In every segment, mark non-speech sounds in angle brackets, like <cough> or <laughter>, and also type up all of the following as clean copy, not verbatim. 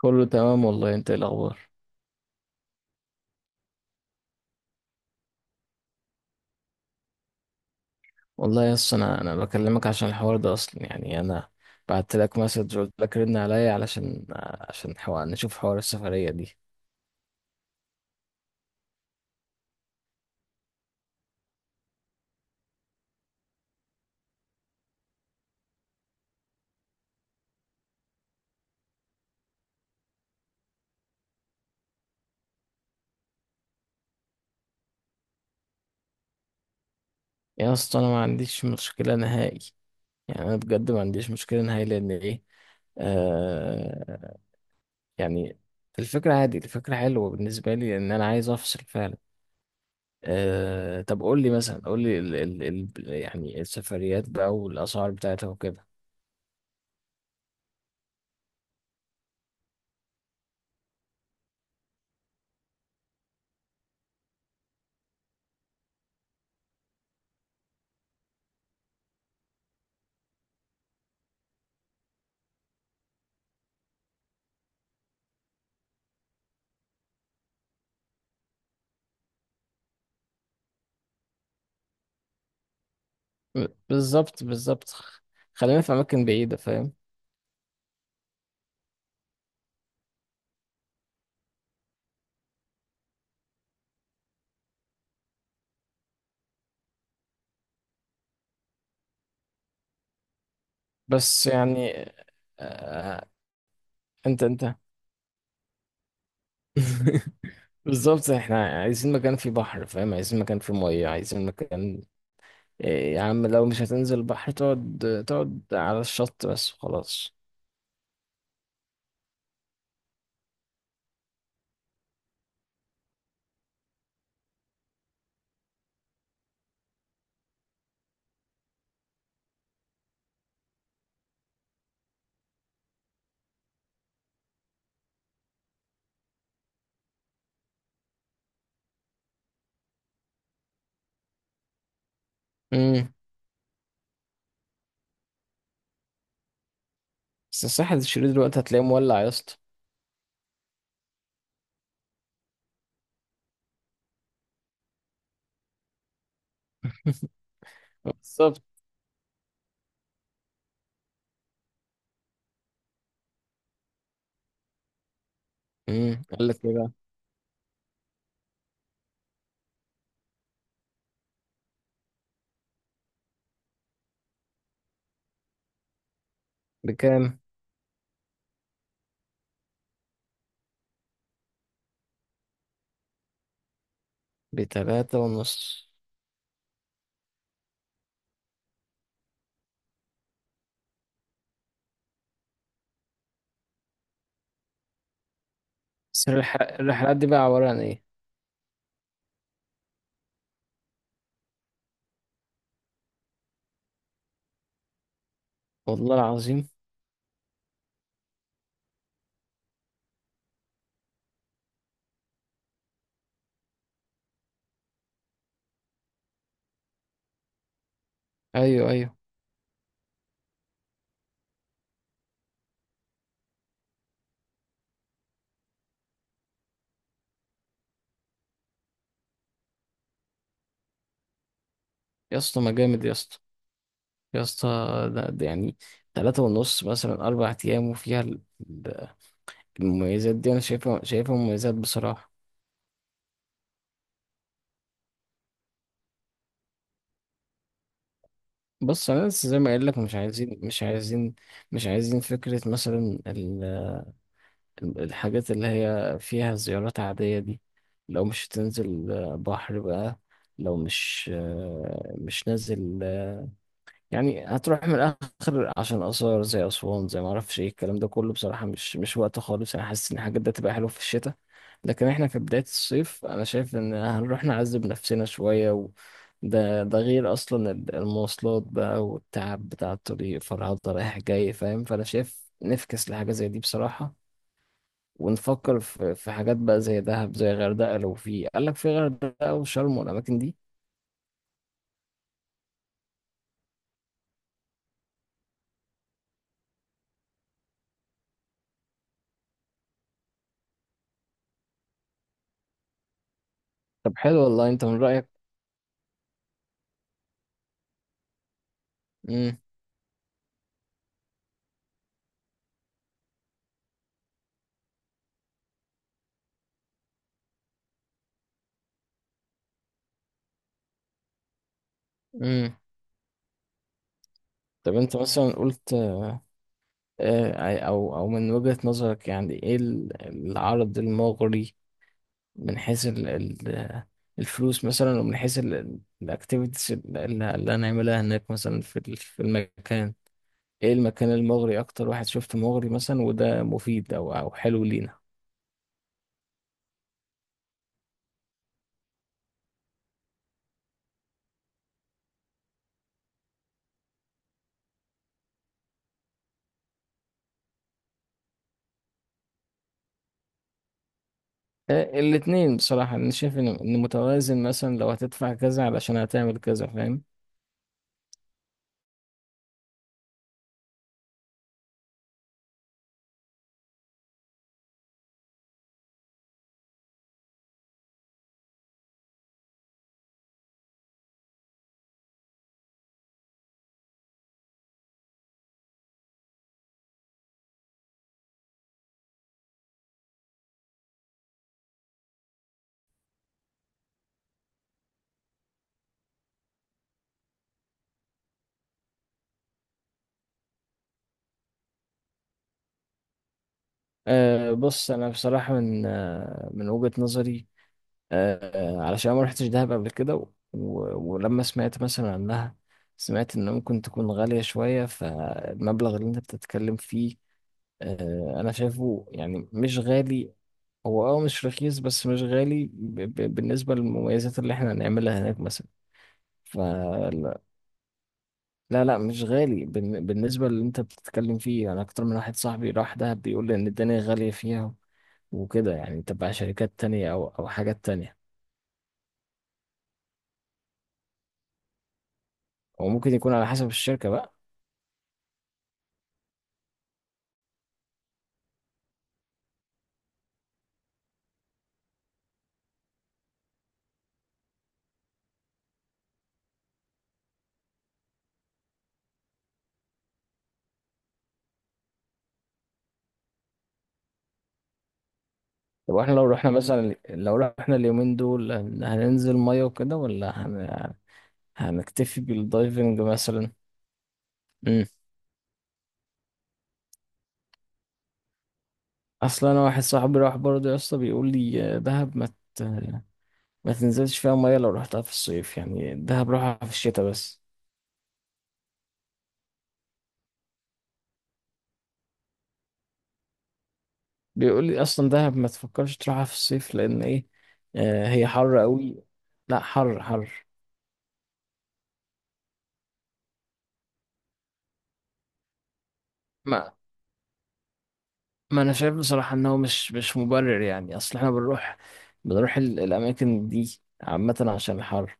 كله تمام والله، انت ايه الاخبار؟ والله يا اسطى انا بكلمك عشان الحوار ده اصلا، يعني انا بعت لك مسج قلت لك رن عليا علشان حوار نشوف حوار السفريه دي. يا اسطى انا ما عنديش مشكله نهائي، يعني انا بجد ما عنديش مشكله نهائي لان ايه، آه يعني الفكره عادي، الفكره حلوه بالنسبه لي لان انا عايز افصل فعلا. طب قول لي مثلا، قول لي ال ال ال يعني السفريات بقى والاسعار بتاعتها وكده. بالظبط بالظبط، خلينا في اماكن بعيده، فاهم؟ بس يعني، آه انت <laughs> بالظبط، احنا عايزين مكان فيه بحر، فاهم؟ عايزين مكان فيه ميه، عايزين مكان، إيه يا عم لو مش هتنزل البحر، تقعد تقعد على الشط بس وخلاص. امم. بس الساحل الشرير دلوقتي هتلاقيه مولع يا اسطى. <laughs> بالظبط. امم، قال لك ايه بقى؟ بكام؟ بتلاتة ونص. بس الرحلات دي بقى عبارة عن ايه؟ والله العظيم. ايوه ايوه، يا اسطى ما جامد يا اسطى، يا اسطى، ده يعني تلاتة ونص مثلا أربع أيام، وفيها ال- المميزات دي، أنا شايفها شايفها مميزات بصراحة. بص، أنا لسه زي ما قايل لك، مش عايزين فكرة مثلا الحاجات اللي هي فيها زيارات عادية دي. لو مش تنزل بحر بقى، لو مش نازل، يعني هتروح من الاخر عشان اثار زي اسوان زي ما اعرفش ايه الكلام ده كله. بصراحه مش وقت خالص، انا حاسس ان الحاجات ده تبقى حلوه في الشتاء، لكن احنا في بدايه الصيف، انا شايف ان هنروح نعذب نفسنا شويه و... ده غير اصلا المواصلات بقى والتعب بتاع الطريق، فرهضة رايح جاي، فاهم؟ فانا شايف نفكس لحاجه زي دي بصراحه. ونفكر في حاجات بقى زي دهب، زي غردقه، لو في، قال لك في غردقه وشرم والاماكن دي. طب حلو والله، انت من رايك؟ امم. طب انت مثلا، قلت او من وجهة نظرك، يعني ايه العرض المغري، من حيث الفلوس مثلا، ومن حيث الاكتيفيتيز اللي هنعملها هناك مثلا في في المكان، ايه المكان المغري اكتر واحد شفته مغري مثلا، وده مفيد او حلو لينا؟ آه، الاتنين بصراحة، انا شايف إن متوازن، مثلا لو هتدفع كذا علشان هتعمل كذا، فاهم؟ بص انا بصراحة، من من وجهة نظري، علشان ما رحتش دهب قبل كده و... ولما سمعت مثلا عنها، سمعت ان ممكن تكون غالية شوية، فالمبلغ اللي انت بتتكلم فيه، انا شايفه يعني مش غالي. هو مش رخيص بس مش غالي بالنسبة للمميزات اللي احنا هنعملها هناك مثلا. فلا، لا لا، مش غالي بالنسبة اللي انت بتتكلم فيه. انا اكتر من واحد صاحبي راح دهب بيقول لي ان الدنيا غالية فيها، وكده، يعني تبع شركات تانية او حاجات تانية. وممكن يكون على حسب الشركة بقى. طب احنا لو رحنا مثلا، لو رحنا اليومين دول، هننزل ميه وكده ولا هن...، هنكتفي بالدايفنج مثلا؟ امم. اصلا انا واحد صاحبي راح برضه يا اسطى، بيقول لي دهب ما ت...، ما تنزلش فيها ميه لو رحتها في الصيف، يعني دهب روحها في الشتاء بس. بيقول لي اصلا دهب ما تفكرش تروحها في الصيف لان ايه، هي حر قوي. لا، حر حر. ما ما انا شايف بصراحه ان هو مش مبرر، يعني اصل احنا بنروح، بنروح الاماكن دي عامه عشان الحر.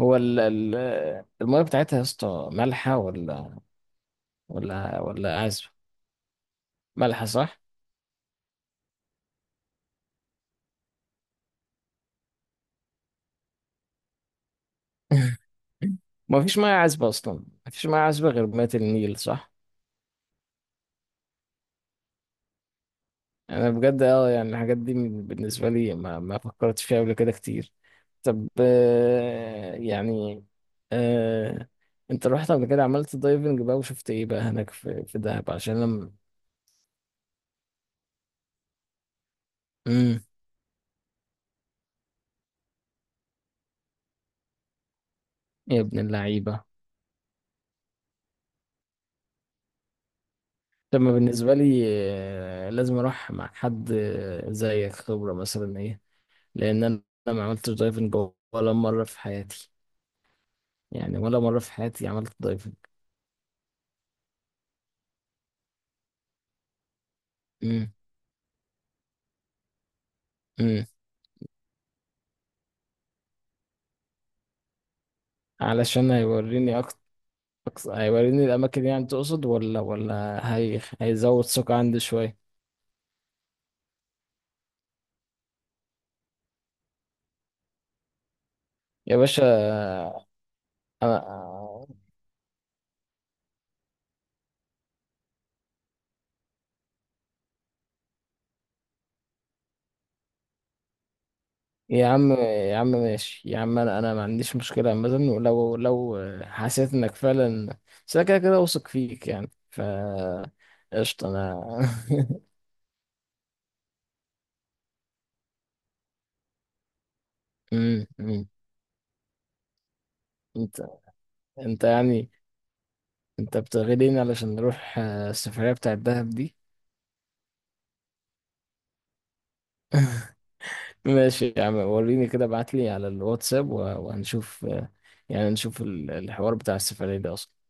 هو المية بتاعتها يا اسطى مالحة ولا عذبة؟ مالحة صح؟ <laughs> ما فيش مية عذبة أصلا، ما فيش مية عذبة غير مية النيل صح؟ أنا بجد يعني الحاجات دي بالنسبة لي، ما فكرتش فيها قبل كده كتير. طب، يعني آه، أنت رحت قبل كده، عملت دايفنج بقى، وشفت إيه بقى هناك في دهب عشان لما... مم. يا ابن اللعيبة. لما بالنسبة لي لازم أروح مع حد زيك خبرة مثلا إيه، لأن أنا ما عملتش دايفنج ولا مرة في حياتي، يعني ولا مرة في حياتي عملت دايفنج. امم. امم. علشان هيوريني أكتر، هيوريني الأماكن يعني تقصد، ولا هيزود ثقة عندي شوية؟ يا باشا أنا، يا عم يا عم ماشي يا عم، انا ما عنديش مشكله مثلا، ولو حسيت انك فعلا، بس انا كده كده واثق فيك يعني قشطه انا. <laughs> أمم، أمم. انت انت يعني انت بتغلين علشان نروح السفريه بتاعه الدهب دي؟ ماشي يا عم، وريني كده، ابعت لي على الواتساب وهنشوف يعني نشوف الحوار بتاع السفريه ده اصلا.